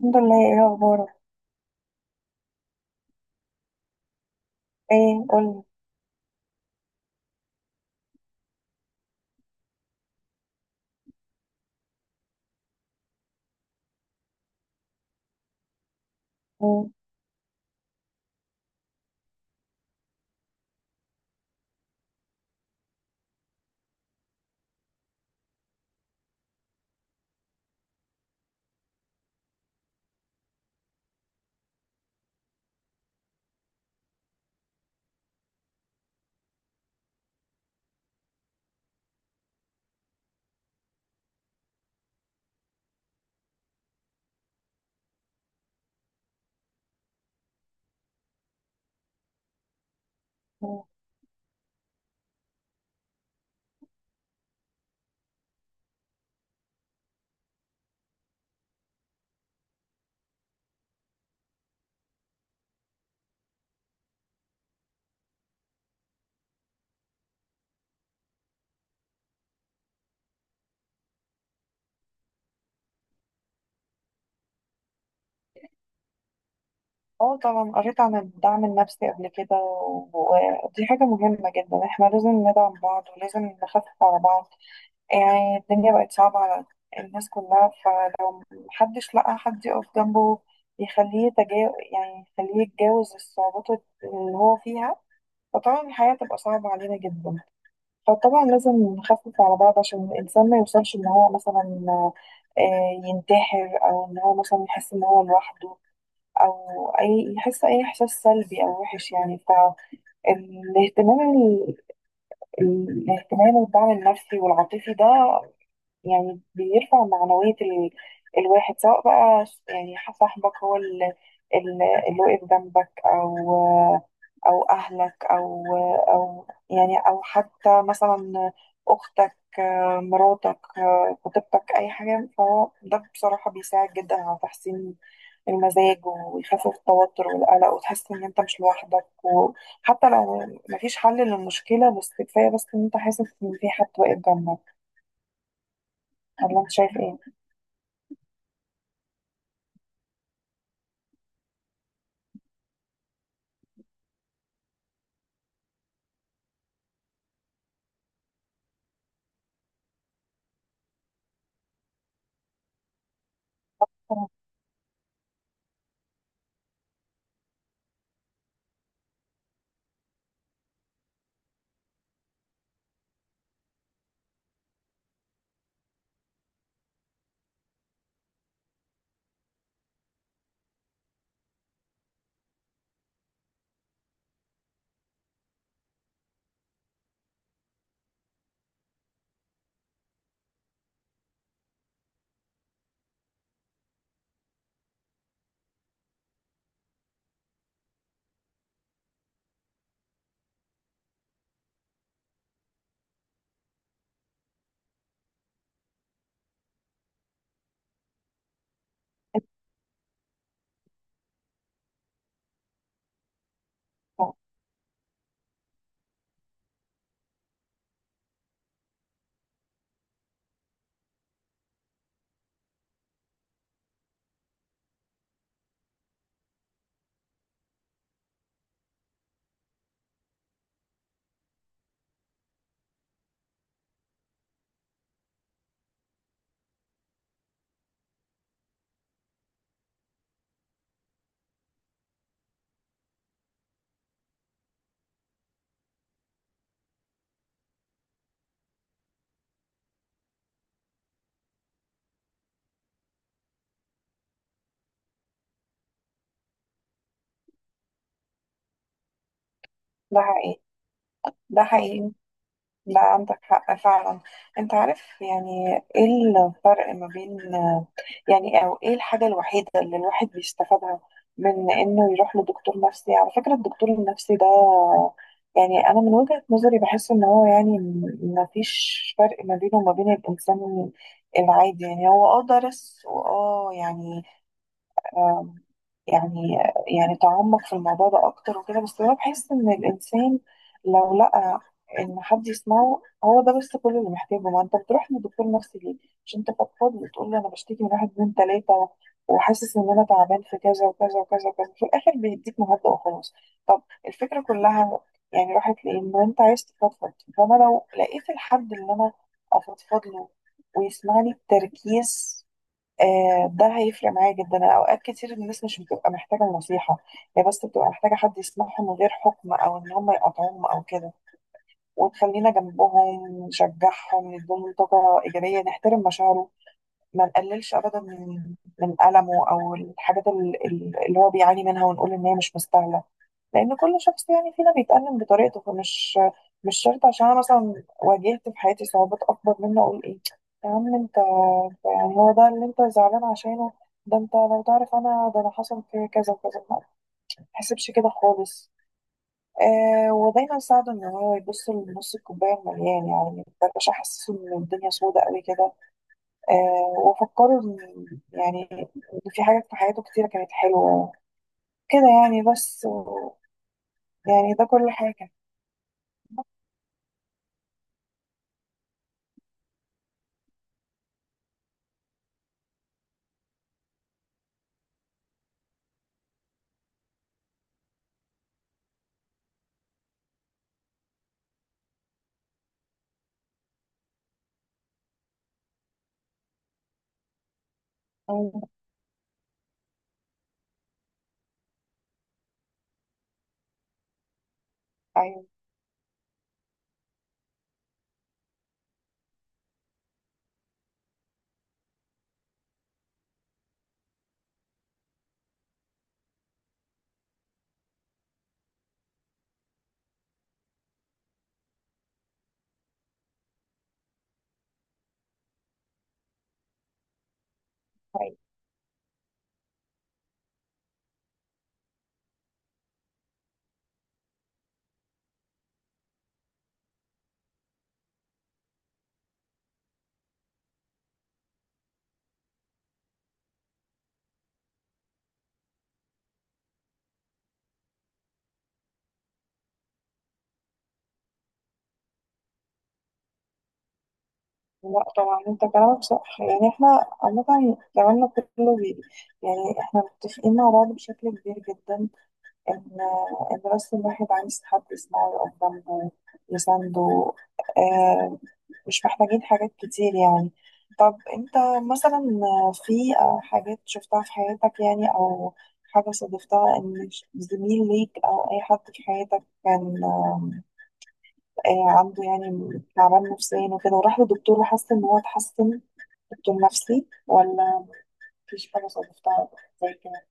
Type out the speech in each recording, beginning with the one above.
الحمد لله، ايه اخبارك؟ ايه؟ قولي. مم. مم. اه، طبعا قريت عن الدعم النفسي قبل كده، ودي حاجة مهمة جدا. احنا لازم ندعم بعض ولازم نخفف على بعض. يعني الدنيا بقت صعبة على الناس كلها، فلو محدش لقى حد يقف جنبه يخليه يتجاوز، يعني يخليه يتجاوز الصعوبات اللي هو فيها، فطبعا الحياة تبقى صعبة علينا جدا. فطبعا لازم نخفف على بعض عشان الإنسان ما يوصلش إن هو مثلا ينتحر، أو إن هو مثلا يحس إن هو لوحده، أو أي يحس أي إحساس سلبي أو وحش يعني. فالاهتمام الاهتمام والدعم النفسي والعاطفي ده يعني بيرفع معنوية الواحد، سواء بقى يعني صاحبك هو ال... اللي واقف جنبك، أو أهلك، أو يعني أو حتى مثلا أختك، مراتك، خطيبتك، أي حاجة. فهو ده بصراحة بيساعد جدا على تحسين المزاج، ويخفف التوتر والقلق، وتحس إن أنت مش لوحدك، وحتى لو مفيش حل للمشكلة، بس كفاية بس إن أنت حاسس إن في حد واقف جنبك. ولا أنت شايف إيه؟ ده حقيقي. ده حقيقي. ده عندك حق فعلا. انت عارف يعني ايه الفرق ما بين، يعني او ايه الحاجة الوحيدة اللي الواحد بيستفادها من انه يروح لدكتور نفسي؟ على فكرة الدكتور النفسي ده، يعني انا من وجهة نظري بحس ان هو يعني ما فيش فرق ما بينه وما بين الانسان العادي. يعني هو درس واه يعني يعني تعمق في الموضوع ده اكتر وكده، بس انا بحس ان الانسان لو لقى ان حد يسمعه هو ده بس كل اللي محتاجه. ما انت بتروح لدكتور نفسي ليه؟ مش انت فضفاض وتقول لي انا بشتكي من واحد اتنين تلاته، وحاسس ان انا تعبان في كذا وكذا وكذا وكذا، في الاخر بيديك مهدئ وخلاص. طب الفكره كلها يعني راحت ليه؟ ان انت عايز تفضفض. فانا لو لقيت الحد اللي انا افضفض له ويسمعني بتركيز، ده هيفرق معايا جدا. أنا اوقات كتير الناس مش بتبقى محتاجه النصيحه، هي بس بتبقى محتاجه حد يسمعهم من غير حكم، او ان هم يقاطعوهم او كده. وتخلينا جنبهم نشجعهم نديهم طاقه ايجابيه، نحترم مشاعرهم، ما نقللش ابدا من المه او الحاجات اللي هو بيعاني منها، ونقول ان هي مش مستاهله. لان كل شخص يعني فينا بيتألم بطريقته، فمش مش شرط عشان انا مثلا واجهت في حياتي صعوبات اكبر منه اقول ايه يا عم انت يعني هو ده اللي انت زعلان عشانه؟ ده انت لو تعرف انا، ده انا حصل في كذا وكذا، ما تحسبش كده خالص. ودايما ساعده ان هو يبص لنص الكوبايه المليان، يعني ما يبقاش حاسس ان الدنيا سودة قوي كده. وفكروا يعني إن في حاجات في حياته كتيرة كانت حلوة كده يعني، بس يعني ده كل حاجة. مم، أيوة. أيوة. لا، طبعا انت كلامك صح. يعني احنا عامة كلامنا كله يعني احنا متفقين مع بعض بشكل كبير جدا، ان ان بس الواحد عايز حد يسمعه، يقف جنبه، يسنده. آه، مش محتاجين حاجات كتير يعني. طب انت مثلا، في حاجات شفتها في حياتك، يعني او حاجة صادفتها ان زميل ليك او اي حد في حياتك كان عنده يعني تعبان نفسيا وكده، وراح لدكتور وحس ان هو اتحسن؟ دكتور نفسي؟ ولا مفيش حاجة صادفتها زي كده؟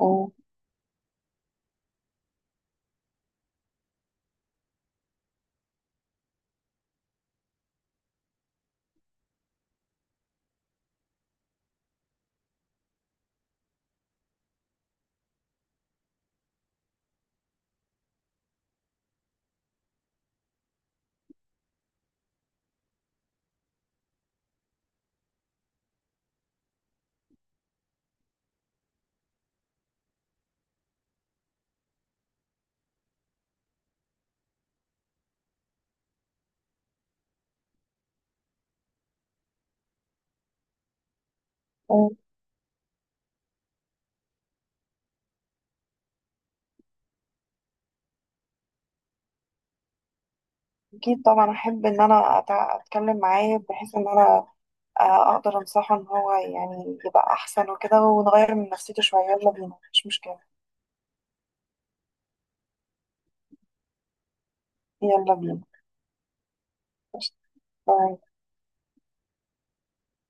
أه. أه. اكيد طبعا احب ان انا اتكلم معاه، بحيث ان انا اقدر انصحه ان هو يعني يبقى احسن وكده، ونغير من نفسيته شوية. يلا بينا، مش مشكلة. يلا بينا. قشطة. باي.